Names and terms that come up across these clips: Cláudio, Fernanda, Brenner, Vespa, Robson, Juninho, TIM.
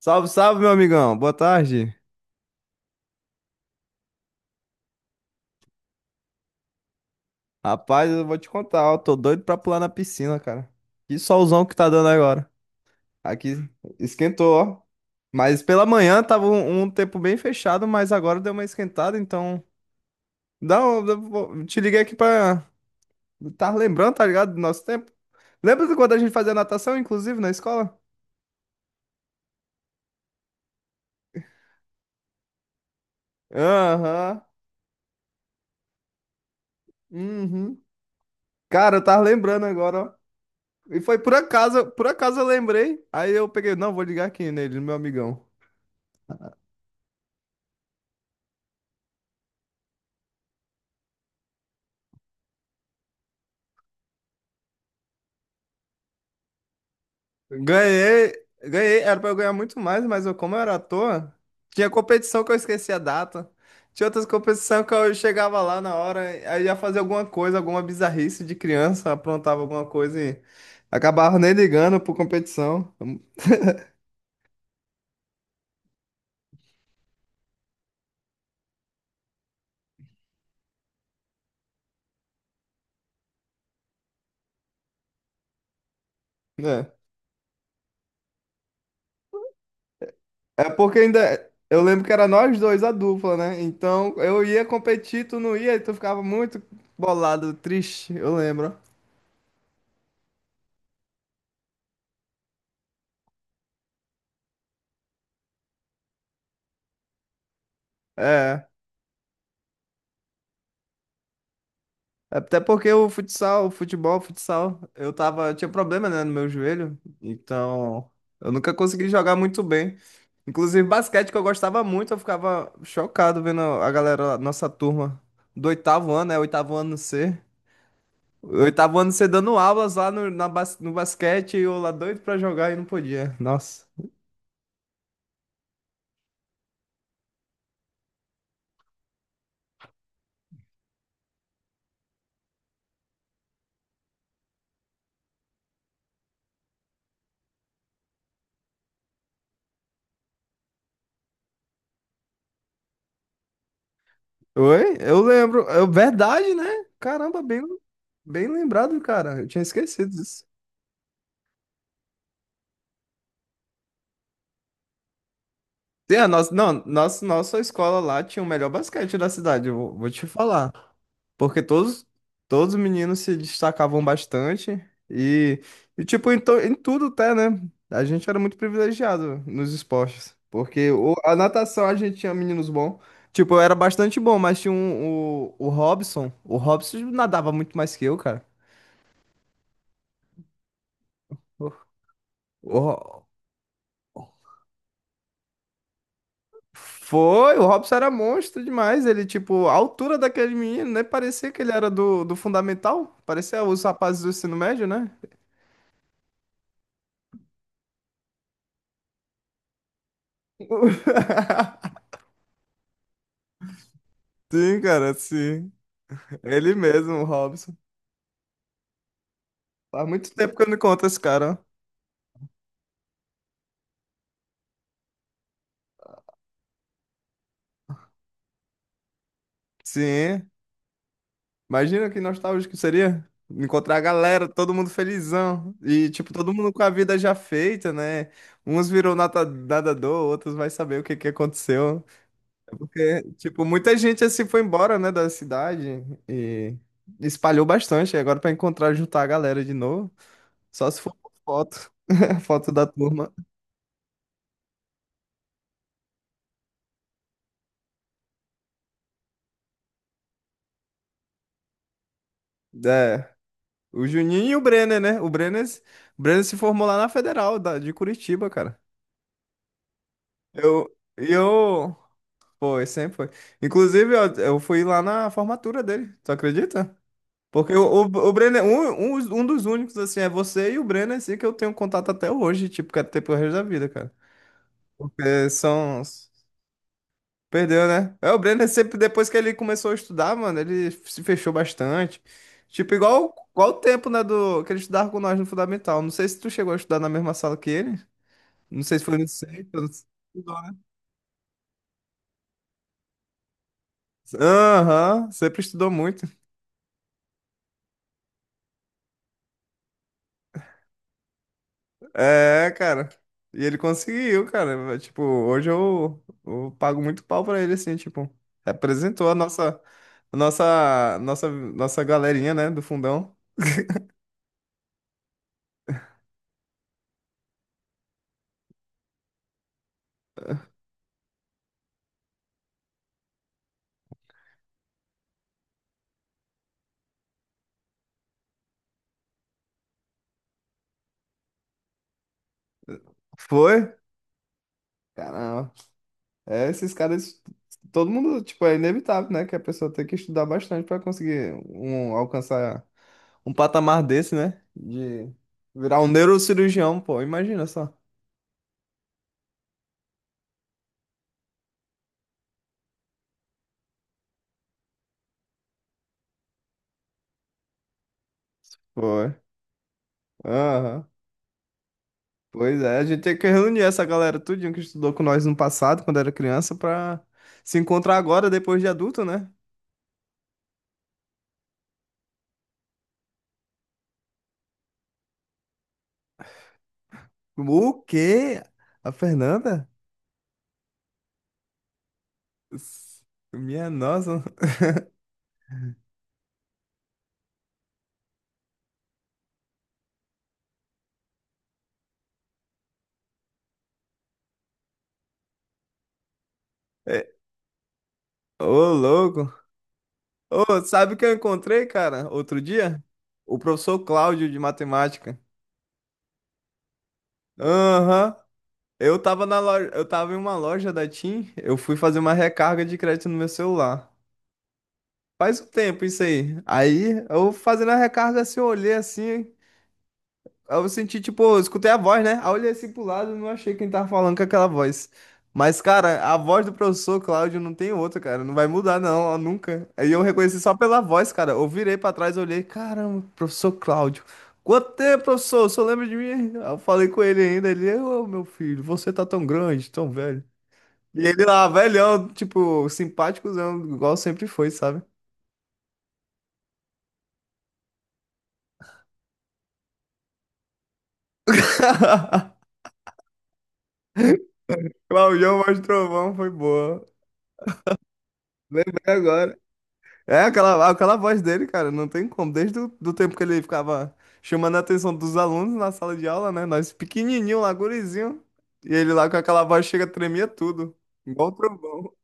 Salve, salve, meu amigão. Boa tarde. Rapaz, eu vou te contar, ó, tô doido pra pular na piscina, cara. Que solzão que tá dando agora. Aqui esquentou, ó. Mas pela manhã tava um tempo bem fechado, mas agora deu uma esquentada, então. Dá um, te liguei aqui pra. Tá lembrando, tá ligado? Do nosso tempo. Lembra de quando a gente fazia natação, inclusive, na escola? Aham. Uhum. Cara, eu tava lembrando agora, ó. E foi por acaso eu lembrei. Aí eu peguei, não, vou ligar aqui nele, no meu amigão. Ganhei, ganhei, era pra eu ganhar muito mais, mas eu, como eu era à toa, tinha competição que eu esquecia a data. Tinha outras competições que eu chegava lá na hora, aí ia fazer alguma coisa, alguma bizarrice de criança, aprontava alguma coisa e acabava nem ligando por competição. É. É porque ainda. Eu lembro que era nós dois a dupla, né? Então eu ia competir, tu não ia, e tu ficava muito bolado, triste, eu lembro. É. Até porque o futsal, o futebol, o futsal, eu tava, eu tinha problema, né, no meu joelho, então eu nunca consegui jogar muito bem. Inclusive basquete que eu gostava muito, eu ficava chocado vendo a galera, a nossa turma do oitavo ano, é oitavo ano C. Oitavo ano C dando aulas lá no, no basquete e eu lá doido pra jogar e não podia. Nossa. Oi? Eu lembro. É verdade, né? Caramba, bem lembrado, cara. Eu tinha esquecido disso. Sim, a nossa, não, nossa, nossa escola lá tinha o melhor basquete da cidade, eu vou, vou te falar. Porque todos, todos os meninos se destacavam bastante e, e tipo, em tudo até, né? A gente era muito privilegiado nos esportes. Porque a natação a gente tinha meninos bons. Tipo, eu era bastante bom, mas tinha um, o Robson. O Robson nadava muito mais que eu, cara. O, Foi, o Robson era monstro demais. Ele, tipo, a altura daquele menino, né? Parecia que ele era do fundamental. Parecia os rapazes do ensino médio, né? Sim, cara, sim. Ele mesmo, o Robson. Faz muito tempo que eu não encontro esse cara, ó. Sim. Imagina que nostálgico seria encontrar a galera, todo mundo felizão. E, tipo, todo mundo com a vida já feita, né? Uns virou nadador, outros vai saber o que que aconteceu. Porque, tipo, muita gente assim foi embora, né, da cidade e espalhou bastante. E agora pra encontrar, juntar a galera de novo, só se for por foto, foto da turma. É, o Juninho e o Brenner, né? O Brenner se formou lá na Federal da, de Curitiba, cara. Eu, eu, foi, sempre foi. Inclusive, ó, eu fui lá na formatura dele, tu acredita? Porque o Brenner, um dos únicos, assim, é você e o Brenner, assim, que eu tenho contato até hoje, tipo, que é até pro resto da vida, cara. Porque são. Perdeu, né? É, o Brenner sempre, depois que ele começou a estudar, mano, ele se fechou bastante. Tipo, igual o tempo, né, do, que ele estudava com nós no fundamental. Não sei se tu chegou a estudar na mesma sala que ele. Não sei se foi no centro, não sei. Estudou, né? Aham, sempre estudou muito. É, cara. E ele conseguiu, cara. Tipo, hoje eu pago muito pau pra ele, assim, tipo, representou nossa galerinha, né, do fundão. Foi? Caramba. É, esses caras, todo mundo, tipo, é inevitável, né? Que a pessoa tem que estudar bastante para conseguir um, alcançar um patamar desse, né? De virar um neurocirurgião, pô, imagina só. Pô, é. Aham. Pois é, a gente tem que reunir essa galera tudinho que estudou com nós no passado, quando era criança, pra se encontrar agora, depois de adulto, né? O quê? A Fernanda? S- Minha nossa. É, ô, louco. Ô, sabe o que eu encontrei, cara, outro dia? O professor Cláudio de matemática. Aham. Eu tava na loja, eu tava em uma loja da TIM, eu fui fazer uma recarga de crédito no meu celular. Faz um tempo isso aí. Aí eu fazendo a recarga assim, eu olhei assim, aí eu senti, tipo, eu escutei a voz, né? Aí eu olhei assim pro lado e não achei quem tava falando com aquela voz. Mas, cara, a voz do professor Cláudio não tem outra, cara. Não vai mudar, não, ó, nunca. Aí eu reconheci só pela voz, cara. Eu virei pra trás, olhei, caramba, professor Cláudio. Quanto tempo, professor? O senhor lembra de mim? Aí eu falei com ele ainda. Ele, ô, meu filho, você tá tão grande, tão velho. E ele lá, velhão, tipo, simpáticozão, igual sempre foi, sabe? Claudião Voz do Trovão foi boa. Lembrei agora. É aquela voz dele, cara, não tem como. Desde o do tempo que ele ficava chamando a atenção dos alunos na sala de aula, né? Nós pequenininho lá, gurizinho. E ele lá com aquela voz chega, tremia tudo. Igual o trovão.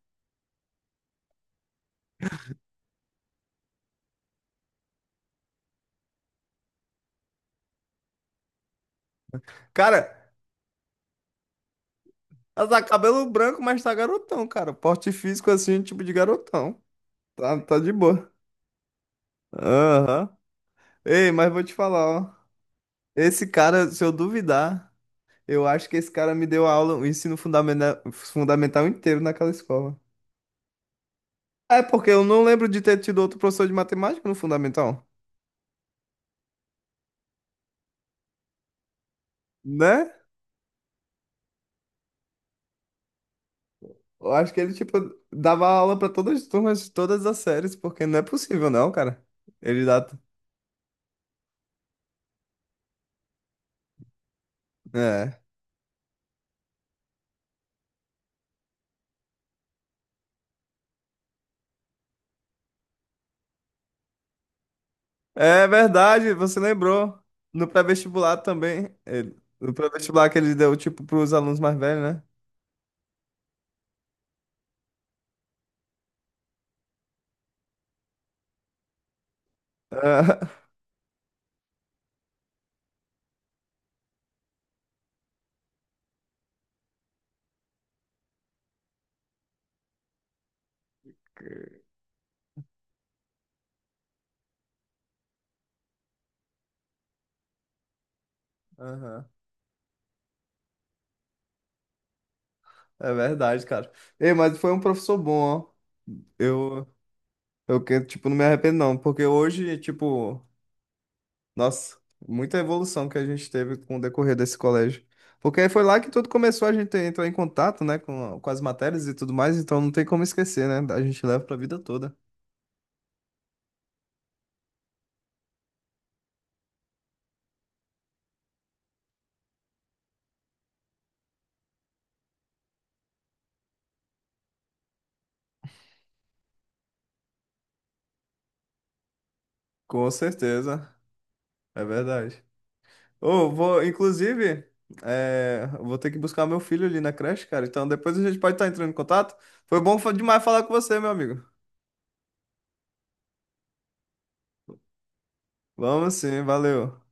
Cara, tá cabelo branco, mas tá garotão, cara. Porte físico assim, tipo de garotão. Tá, tá de boa. Aham. Ei, mas vou te falar, ó. Esse cara, se eu duvidar, eu acho que esse cara me deu aula, o ensino fundamental inteiro naquela escola. É porque eu não lembro de ter tido outro professor de matemática no fundamental, né? Eu acho que ele, tipo, dava aula pra todas as turmas, todas as séries, porque não é possível, não, cara. Ele dá. É. É verdade, você lembrou. No pré-vestibular também. Ele... No pré-vestibular que ele deu, tipo, pros alunos mais velhos, né? É. Aham. É verdade, cara. Ei, mas foi um professor bom, ó. Eu, tipo, não me arrependo, não, porque hoje, tipo. Nossa, muita evolução que a gente teve com o decorrer desse colégio. Porque foi lá que tudo começou, a gente entrar em contato, né, com as matérias e tudo mais, então não tem como esquecer, né? A gente leva pra vida toda. Com certeza, é verdade. Ô, vou, inclusive, é, vou ter que buscar meu filho ali na creche, cara. Então depois a gente pode estar entrando em contato. Foi bom demais falar com você, meu amigo. Vamos sim, valeu.